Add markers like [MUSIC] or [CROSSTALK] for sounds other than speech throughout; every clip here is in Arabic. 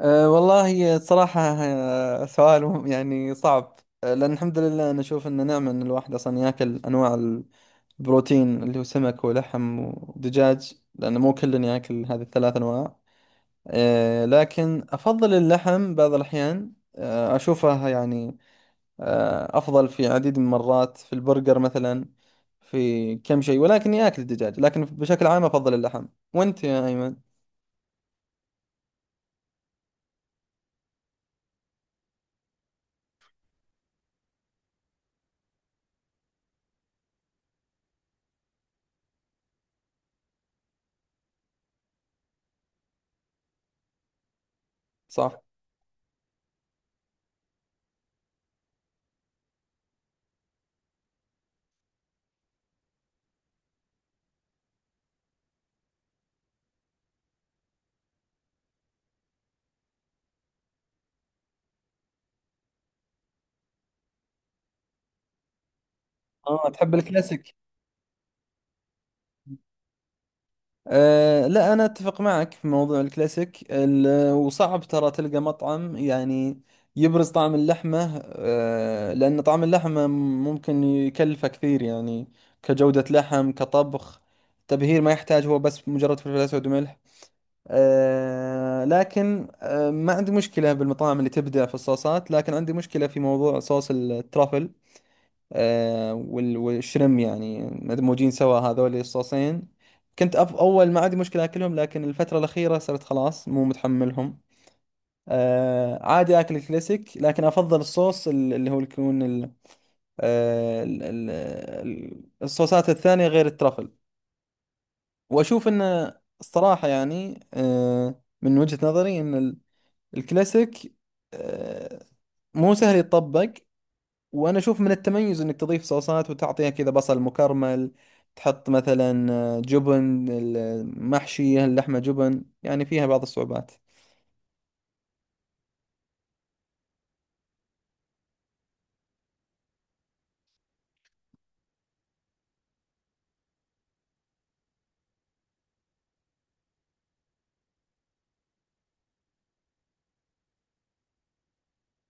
والله صراحة، سؤال يعني صعب. لأن الحمد لله أنا أشوف إنه نعمة إن الواحد أصلا ياكل أنواع البروتين اللي هو سمك ولحم ودجاج، لأنه مو كل ياكل هذه الثلاث أنواع. لكن أفضل اللحم بعض الأحيان، أشوفه يعني أفضل في عديد من المرات، في البرجر مثلا، في كم شيء. ولكن ياكل الدجاج، لكن بشكل عام أفضل اللحم. وأنت يا أيمن؟ صح. تحب الكلاسيك. لا، أنا أتفق معك في موضوع الكلاسيك، وصعب ترى تلقى مطعم يعني يبرز طعم اللحمة، لأن طعم اللحمة ممكن يكلفه كثير، يعني كجودة لحم، كطبخ، تبهير ما يحتاج، هو بس مجرد فلفل أسود وملح. لكن ما عندي مشكلة بالمطاعم اللي تبدع في الصوصات، لكن عندي مشكلة في موضوع صوص الترافل والشرم، يعني مدموجين سوا هذول الصوصين. كنت أف أول ما عندي مشكلة أكلهم، لكن الفترة الأخيرة صرت خلاص مو متحملهم. عادي أكل الكلاسيك، لكن أفضل الصوص اللي هو يكون الصوصات الثانية غير الترفل. وأشوف أنه الصراحة يعني من وجهة نظري أن الكلاسيك آه، مو سهل يتطبق. وانا اشوف من التميز انك تضيف صوصات وتعطيها كذا بصل مكرمل، تحط مثلا جبن، المحشي اللحمة جبن، يعني فيها بعض الصعوبات.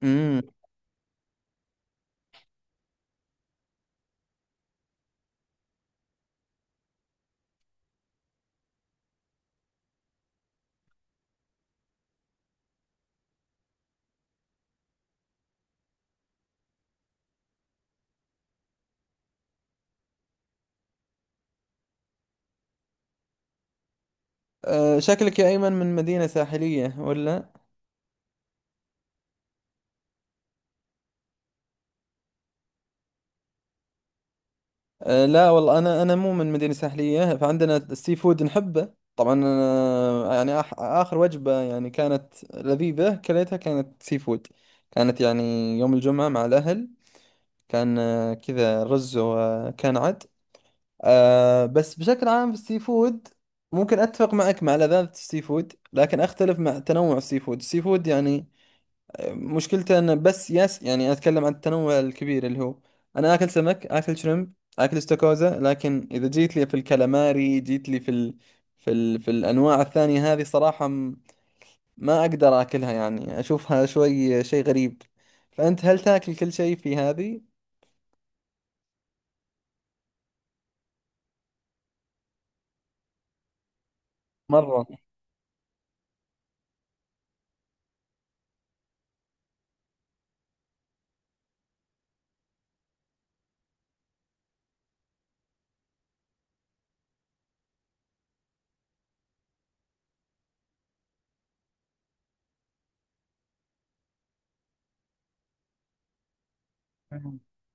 امم. أه شكلك يا ايمن من مدينة ساحلية ولا؟ أه لا والله، انا مو من مدينة ساحلية، فعندنا السي فود نحبه طبعا. أنا يعني اخر وجبة يعني كانت لذيذة كليتها كانت سي فود، كانت يعني يوم الجمعة مع الاهل. كان كذا رز وكان عد. آه بس بشكل عام في السي فود ممكن أتفق معك مع لذاذة السي فود، لكن أختلف مع تنوع السي فود. السي فود يعني مشكلته أنه بس ياس، يعني أتكلم عن التنوع الكبير اللي هو أنا آكل سمك، آكل شريمب، آكل استاكوزا، لكن إذا جيت لي في الكالاماري، جيت لي في الأنواع الثانية هذه، صراحة ما أقدر آكلها، يعني أشوفها شوي شيء غريب. فأنت هل تاكل كل شيء في هذه؟ مرة.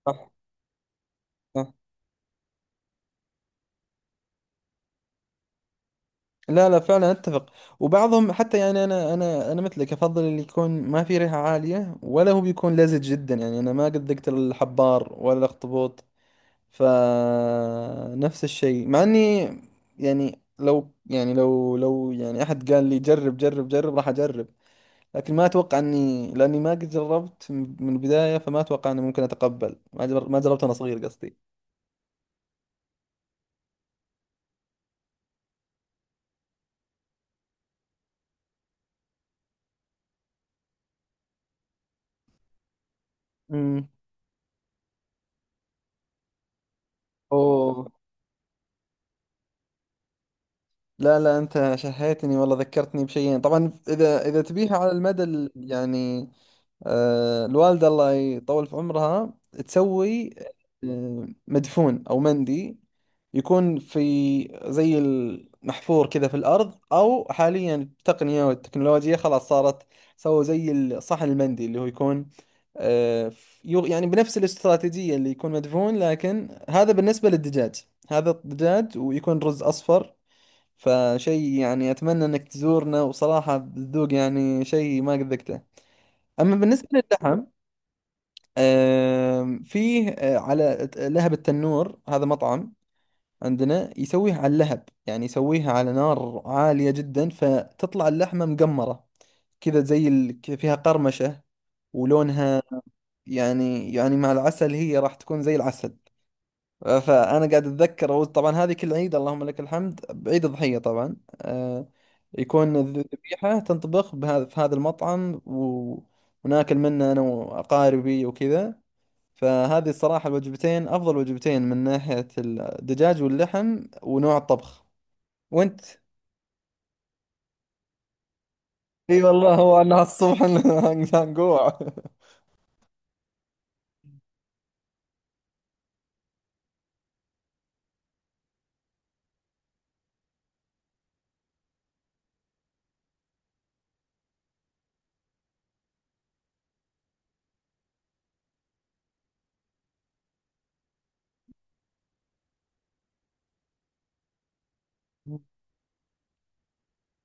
صح. صح. لا لا فعلا اتفق. وبعضهم حتى يعني انا مثلك افضل اللي يكون ما في ريحه عاليه، ولا هو بيكون لزج جدا. يعني انا ما قد ذقت الحبار ولا الاخطبوط، فنفس الشيء. مع اني يعني لو يعني احد قال لي جرب جرب جرب راح اجرب، لكن ما اتوقع اني، لاني ما قد جربت من البدايه، فما اتوقع اني ممكن اتقبل ما ما جربت وانا صغير قصدي. امم. اوه، لا لا أنت شهيتني والله، ذكرتني بشيئين. طبعا إذا تبيها على المدى يعني الوالدة الله يطول في عمرها تسوي آه مدفون أو مندي، يكون في زي المحفور كذا في الأرض، أو حاليا التقنية والتكنولوجيا خلاص صارت سووا زي الصحن المندي اللي هو يكون يعني بنفس الاستراتيجية اللي يكون مدفون. لكن هذا بالنسبة للدجاج، هذا الدجاج، ويكون رز أصفر. فشيء يعني أتمنى إنك تزورنا وصراحة بتذوق يعني شيء ما قد ذقته. أما بالنسبة للحم، فيه على لهب التنور، هذا مطعم عندنا يسويه على اللهب، يعني يسويها على نار عالية جدا، فتطلع اللحمة مقمرة كذا زي فيها قرمشة ولونها يعني، يعني مع العسل هي راح تكون زي العسل. فانا قاعد اتذكر اول، طبعا هذه كل عيد اللهم لك الحمد بعيد الضحيه طبعا، آه، يكون الذبيحه تنطبخ بهذا، في هذا المطعم، و... وناكل منه انا واقاربي وكذا. فهذه الصراحه الوجبتين افضل وجبتين من ناحيه الدجاج واللحم ونوع الطبخ. وانت؟ اي والله، هو انا الصبح [LAUGHS] هنجوع.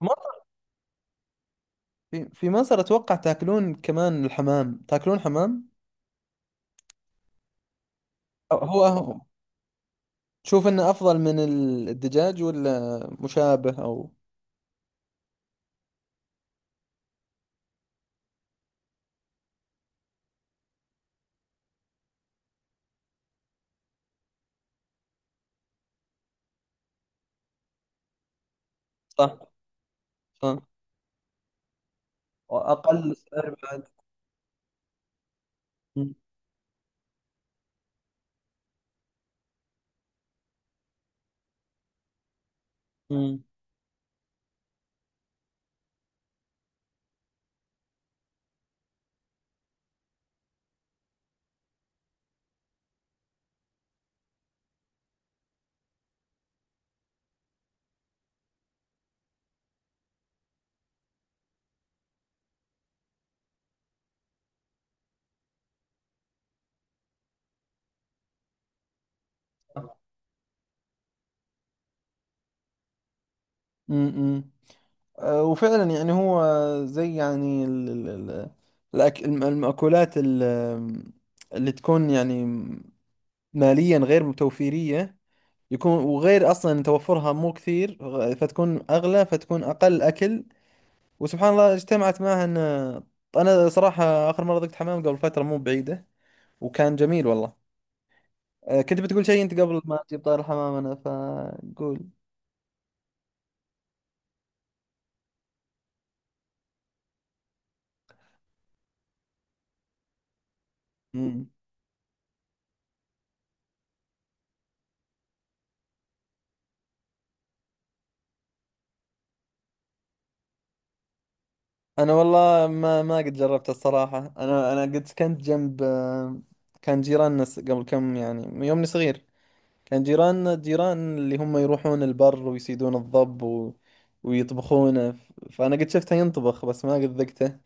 مرة في في مصر اتوقع تاكلون كمان الحمام، تاكلون حمام؟ هو تشوف انه افضل من الدجاج ولا مشابه او صح؟ صح، واقل سعر بعد. مم. مم. صح. امم. أه وفعلا يعني هو زي يعني ال ال ال المأكولات اللي تكون يعني ماليا غير متوفيرية، يكون، وغير أصلا توفرها مو كثير، فتكون أغلى، فتكون أقل أكل. وسبحان الله اجتمعت معها أن أنا صراحة آخر مرة ذقت حمام قبل فترة مو بعيدة، وكان جميل والله. كنت بتقول شيء انت قبل ما تجيب، طار الحمام انا فقول. مم. انا والله ما ما قد جربت الصراحة. انا قد سكنت جنب كان جيراننا قبل كم يعني، من يومني صغير، كان جيراننا جيران اللي هم يروحون البر ويصيدون الضب و... ويطبخونه، فانا قد شفته ينطبخ، بس ما قد ذقته.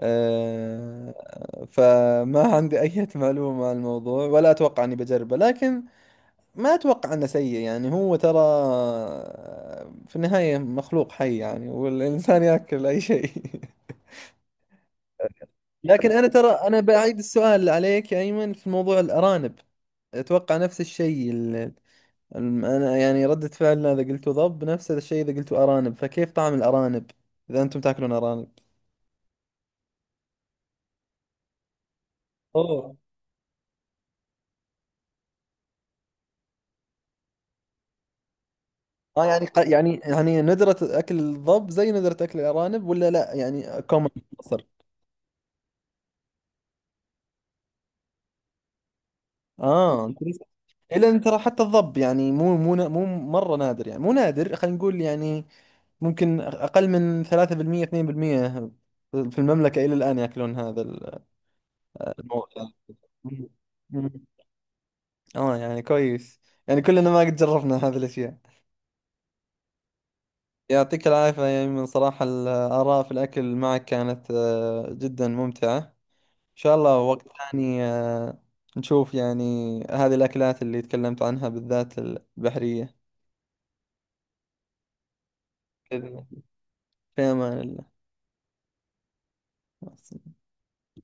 أه... فما عندي اي [LAUGHS] معلومة عن الموضوع، ولا اتوقع اني بجربه، لكن ما اتوقع انه سيء. يعني هو ترى في النهاية مخلوق حي، يعني والانسان ياكل اي شيء. [LAUGHS] لكن انا ترى انا بعيد السؤال عليك يا ايمن في موضوع الارانب، اتوقع نفس الشيء. انا يعني ردة فعلنا اذا قلتوا ضب نفس الشيء اذا قلتوا ارانب. فكيف طعم الارانب، اذا انتم تاكلون ارانب؟ اوه. اه يعني ندرة اكل الضب زي ندرة اكل الارانب ولا لا يعني كومن مصر؟ اه انت لسه. إيه، لان ترى حتى الضب يعني مو مو مو مره نادر، يعني مو نادر، خلينا نقول يعني ممكن اقل من 3% 2% في المملكه الى الان ياكلون هذا الموضوع. مم. مم. اه يعني كويس، يعني كلنا ما قد جربنا هذه الاشياء. يعطيك العافيه يا ايمن، صراحه الاراء في الاكل معك كانت جدا ممتعه. ان شاء الله وقت ثاني نشوف يعني هذه الاكلات اللي تكلمت عنها بالذات البحريه. في أمان الله.